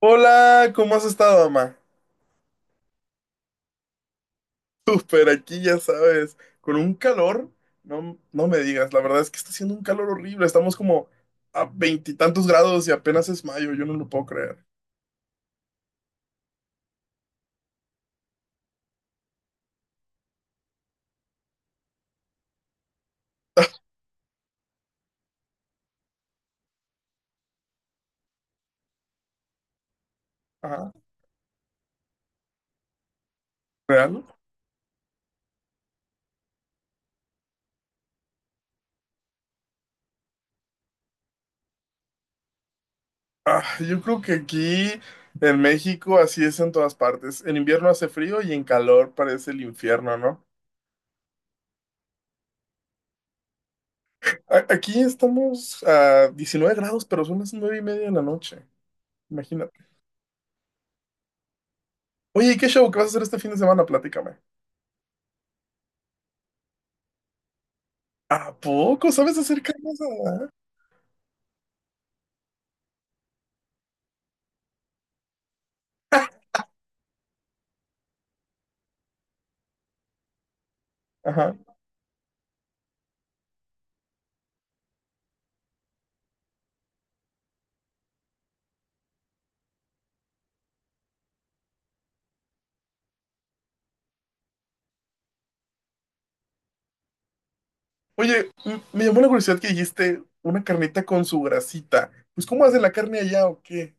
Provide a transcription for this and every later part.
Hola, ¿cómo has estado, mamá? Súper, aquí ya sabes, con un calor, no, no me digas, la verdad es que está haciendo un calor horrible, estamos como a veintitantos grados y apenas es mayo, yo no lo puedo creer. Ajá, ¿real? Ah, yo creo que aquí en México así es en todas partes, en invierno hace frío y en calor parece el infierno, ¿no? Aquí estamos a 19 grados, pero son las 9:30 de la noche, imagínate. Oye, ¿y qué show que vas a hacer este fin de semana? Platícame. ¿A poco sabes hacer carne asada? Ajá. Oye, me llamó la curiosidad que dijiste una carnita con su grasita. Pues, ¿cómo hacen la carne allá o qué?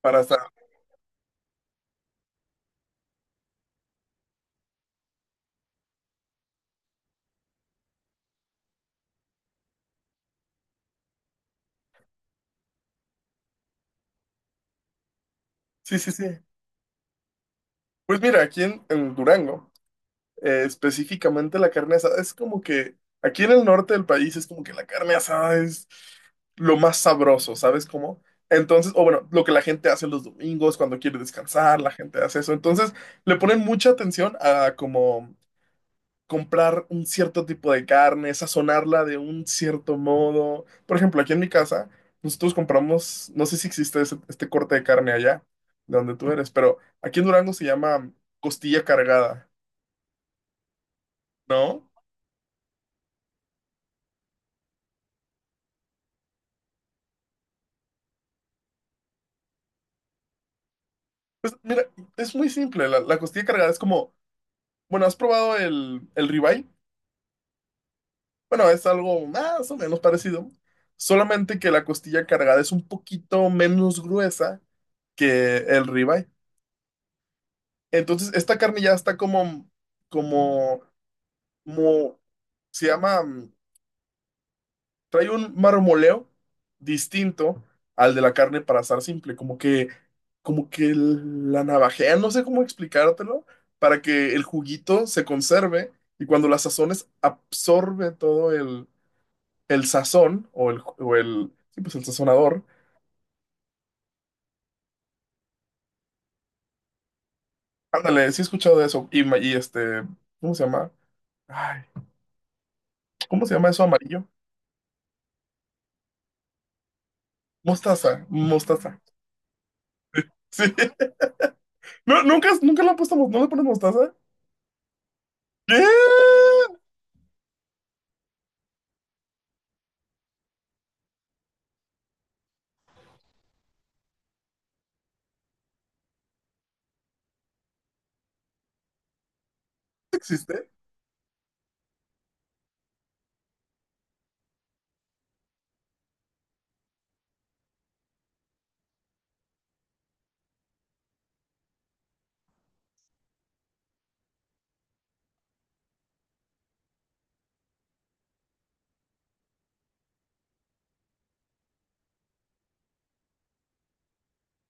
Para asar. Sí, sí, sí. Pues mira, aquí en Durango, específicamente la carne asada es como que, aquí en el norte del país es como que la carne asada es lo más sabroso, ¿sabes cómo? Entonces, o bueno, lo que la gente hace los domingos cuando quiere descansar, la gente hace eso. Entonces, le ponen mucha atención a como comprar un cierto tipo de carne, sazonarla de un cierto modo. Por ejemplo, aquí en mi casa, nosotros compramos, no sé si existe este corte de carne allá, de donde tú eres, pero aquí en Durango se llama costilla cargada, ¿no? Pues mira, es muy simple, la costilla cargada es como, bueno, ¿has probado el ribeye? Bueno, es algo más o menos parecido, solamente que la costilla cargada es un poquito menos gruesa que el ribeye. Entonces, esta carne ya está como como mo- se llama, mm, trae un marmoleo distinto al de la carne para asar simple, como que la navajean, no sé cómo explicártelo, para que el juguito se conserve y cuando la sazones absorbe todo el sazón o el, sí, pues el sazonador. Ándale, sí he escuchado de eso. Y, y este, ¿cómo se llama? Ay, ¿cómo se llama eso amarillo? Mostaza, mostaza. Sí. No, nunca, nunca le han puesto, no le ponen mostaza. ¿Qué? ¿Existe?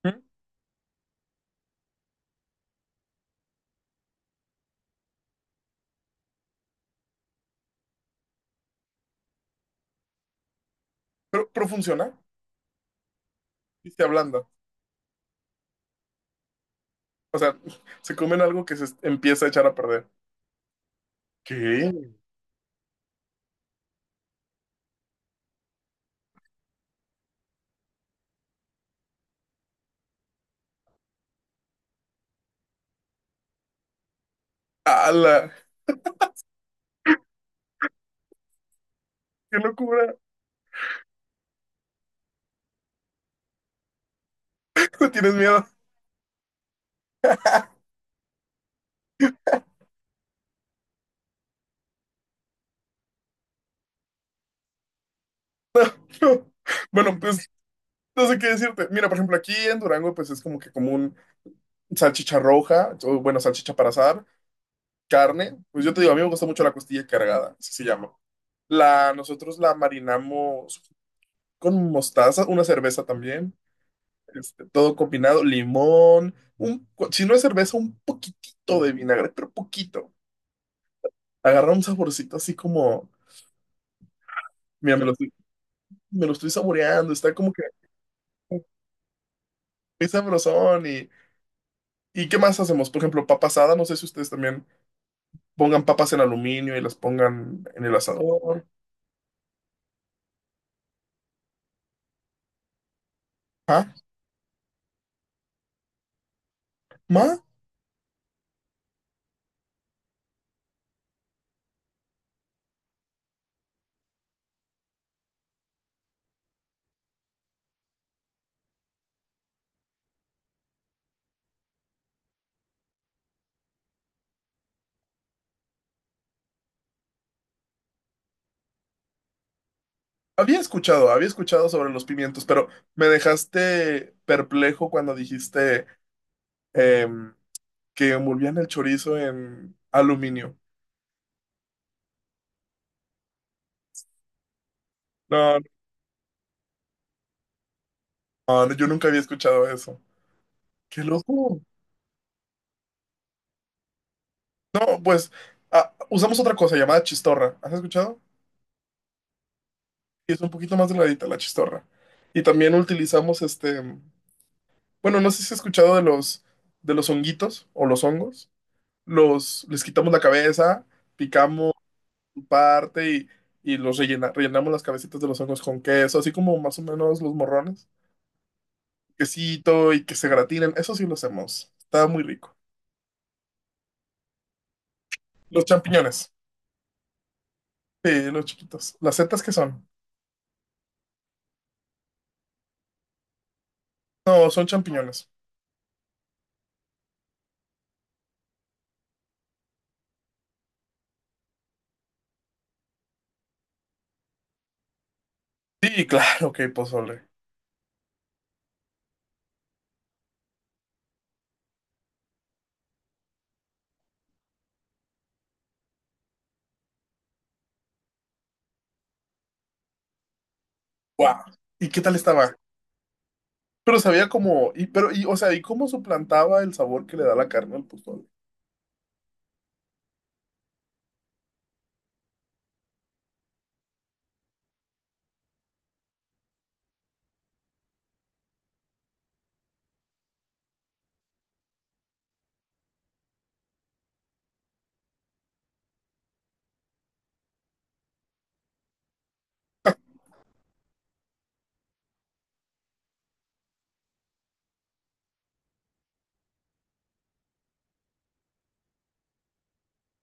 ¿Mm? Pero funciona y se ablanda. O sea, se comen algo que empieza a echar a perder. ¿Qué? ¡Hala! ¡Qué locura! ¿Tienes miedo? No. Bueno, pues no sé qué decirte. Mira, por ejemplo, aquí en Durango, pues es como que común salchicha roja, o bueno, salchicha para asar, carne. Pues yo te digo, a mí me gusta mucho la costilla cargada, así se llama. La, nosotros la marinamos con mostaza, una cerveza también. Este, todo combinado, limón, un, si no es cerveza, un poquitito de vinagre, pero poquito. Agarra un saborcito así como, mira, me lo estoy saboreando, está como que es sabrosón. Y, ¿y qué más hacemos? Por ejemplo, papa asada, no sé si ustedes también pongan papas en aluminio y las pongan en el asador. ¿Ah? ¿Ma? Había escuchado sobre los pimientos, pero me dejaste perplejo cuando dijiste em, que envolvían el chorizo en aluminio. No, ah, no, yo nunca había escuchado eso. ¡Qué loco! No, pues ah, usamos otra cosa llamada chistorra. ¿Has escuchado? Y es un poquito más delgadita la chistorra. Y también utilizamos este. Bueno, no sé si has escuchado de los honguitos o los hongos. Los, les quitamos la cabeza, picamos su parte y los rellenamos las cabecitas de los hongos con queso, así como más o menos los morrones. Quesito y que se gratinen. Eso sí lo hacemos. Está muy rico. Los champiñones. Sí, los chiquitos. ¿Las setas qué son? No, son champiñones. Sí, claro que pozole. ¡Wow! ¿Y qué tal estaba? Pero sabía como, y pero, y, o sea, ¿y cómo suplantaba el sabor que le da la carne al pozole?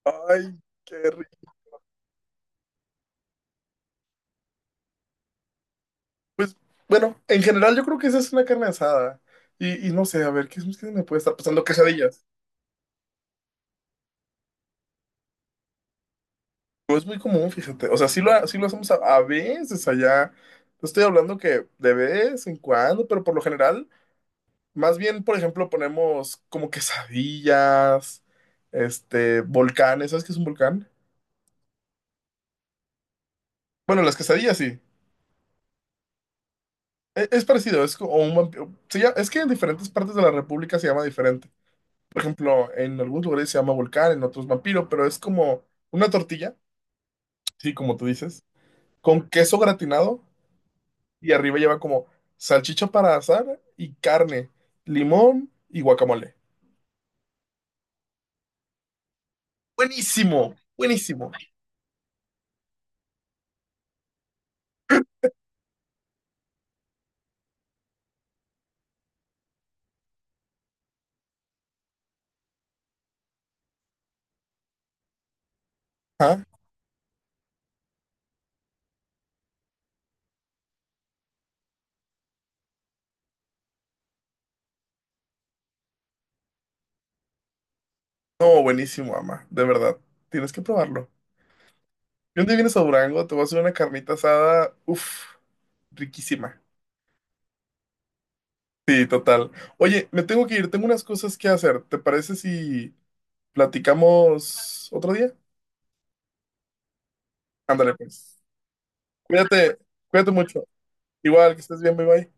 Ay, qué rico. Pues, bueno, en general yo creo que esa es una carne asada. Y no sé, a ver, ¿qué, qué me puede estar pasando? Quesadillas. No es muy común, fíjate. O sea, sí lo hacemos a veces allá. No, estoy hablando que de vez en cuando, pero por lo general, más bien, por ejemplo, ponemos como quesadillas, este, volcanes. ¿Sabes qué es un volcán? Bueno, las quesadillas sí. Es parecido, es como un vampiro. Es que en diferentes partes de la República se llama diferente. Por ejemplo, en algunos lugares se llama volcán, en otros vampiro, pero es como una tortilla, sí, como tú dices, con queso gratinado y arriba lleva como salchicha para asar y carne, limón y guacamole. Buenísimo, buenísimo. No, buenísimo, ama, de verdad. Tienes que probarlo. Y un día vienes a Durango, te voy a hacer una carnita asada, uff, riquísima. Sí, total. Oye, me tengo que ir, tengo unas cosas que hacer. ¿Te parece si platicamos otro día? Ándale, pues. Cuídate, cuídate mucho. Igual, que estés bien, bye bye.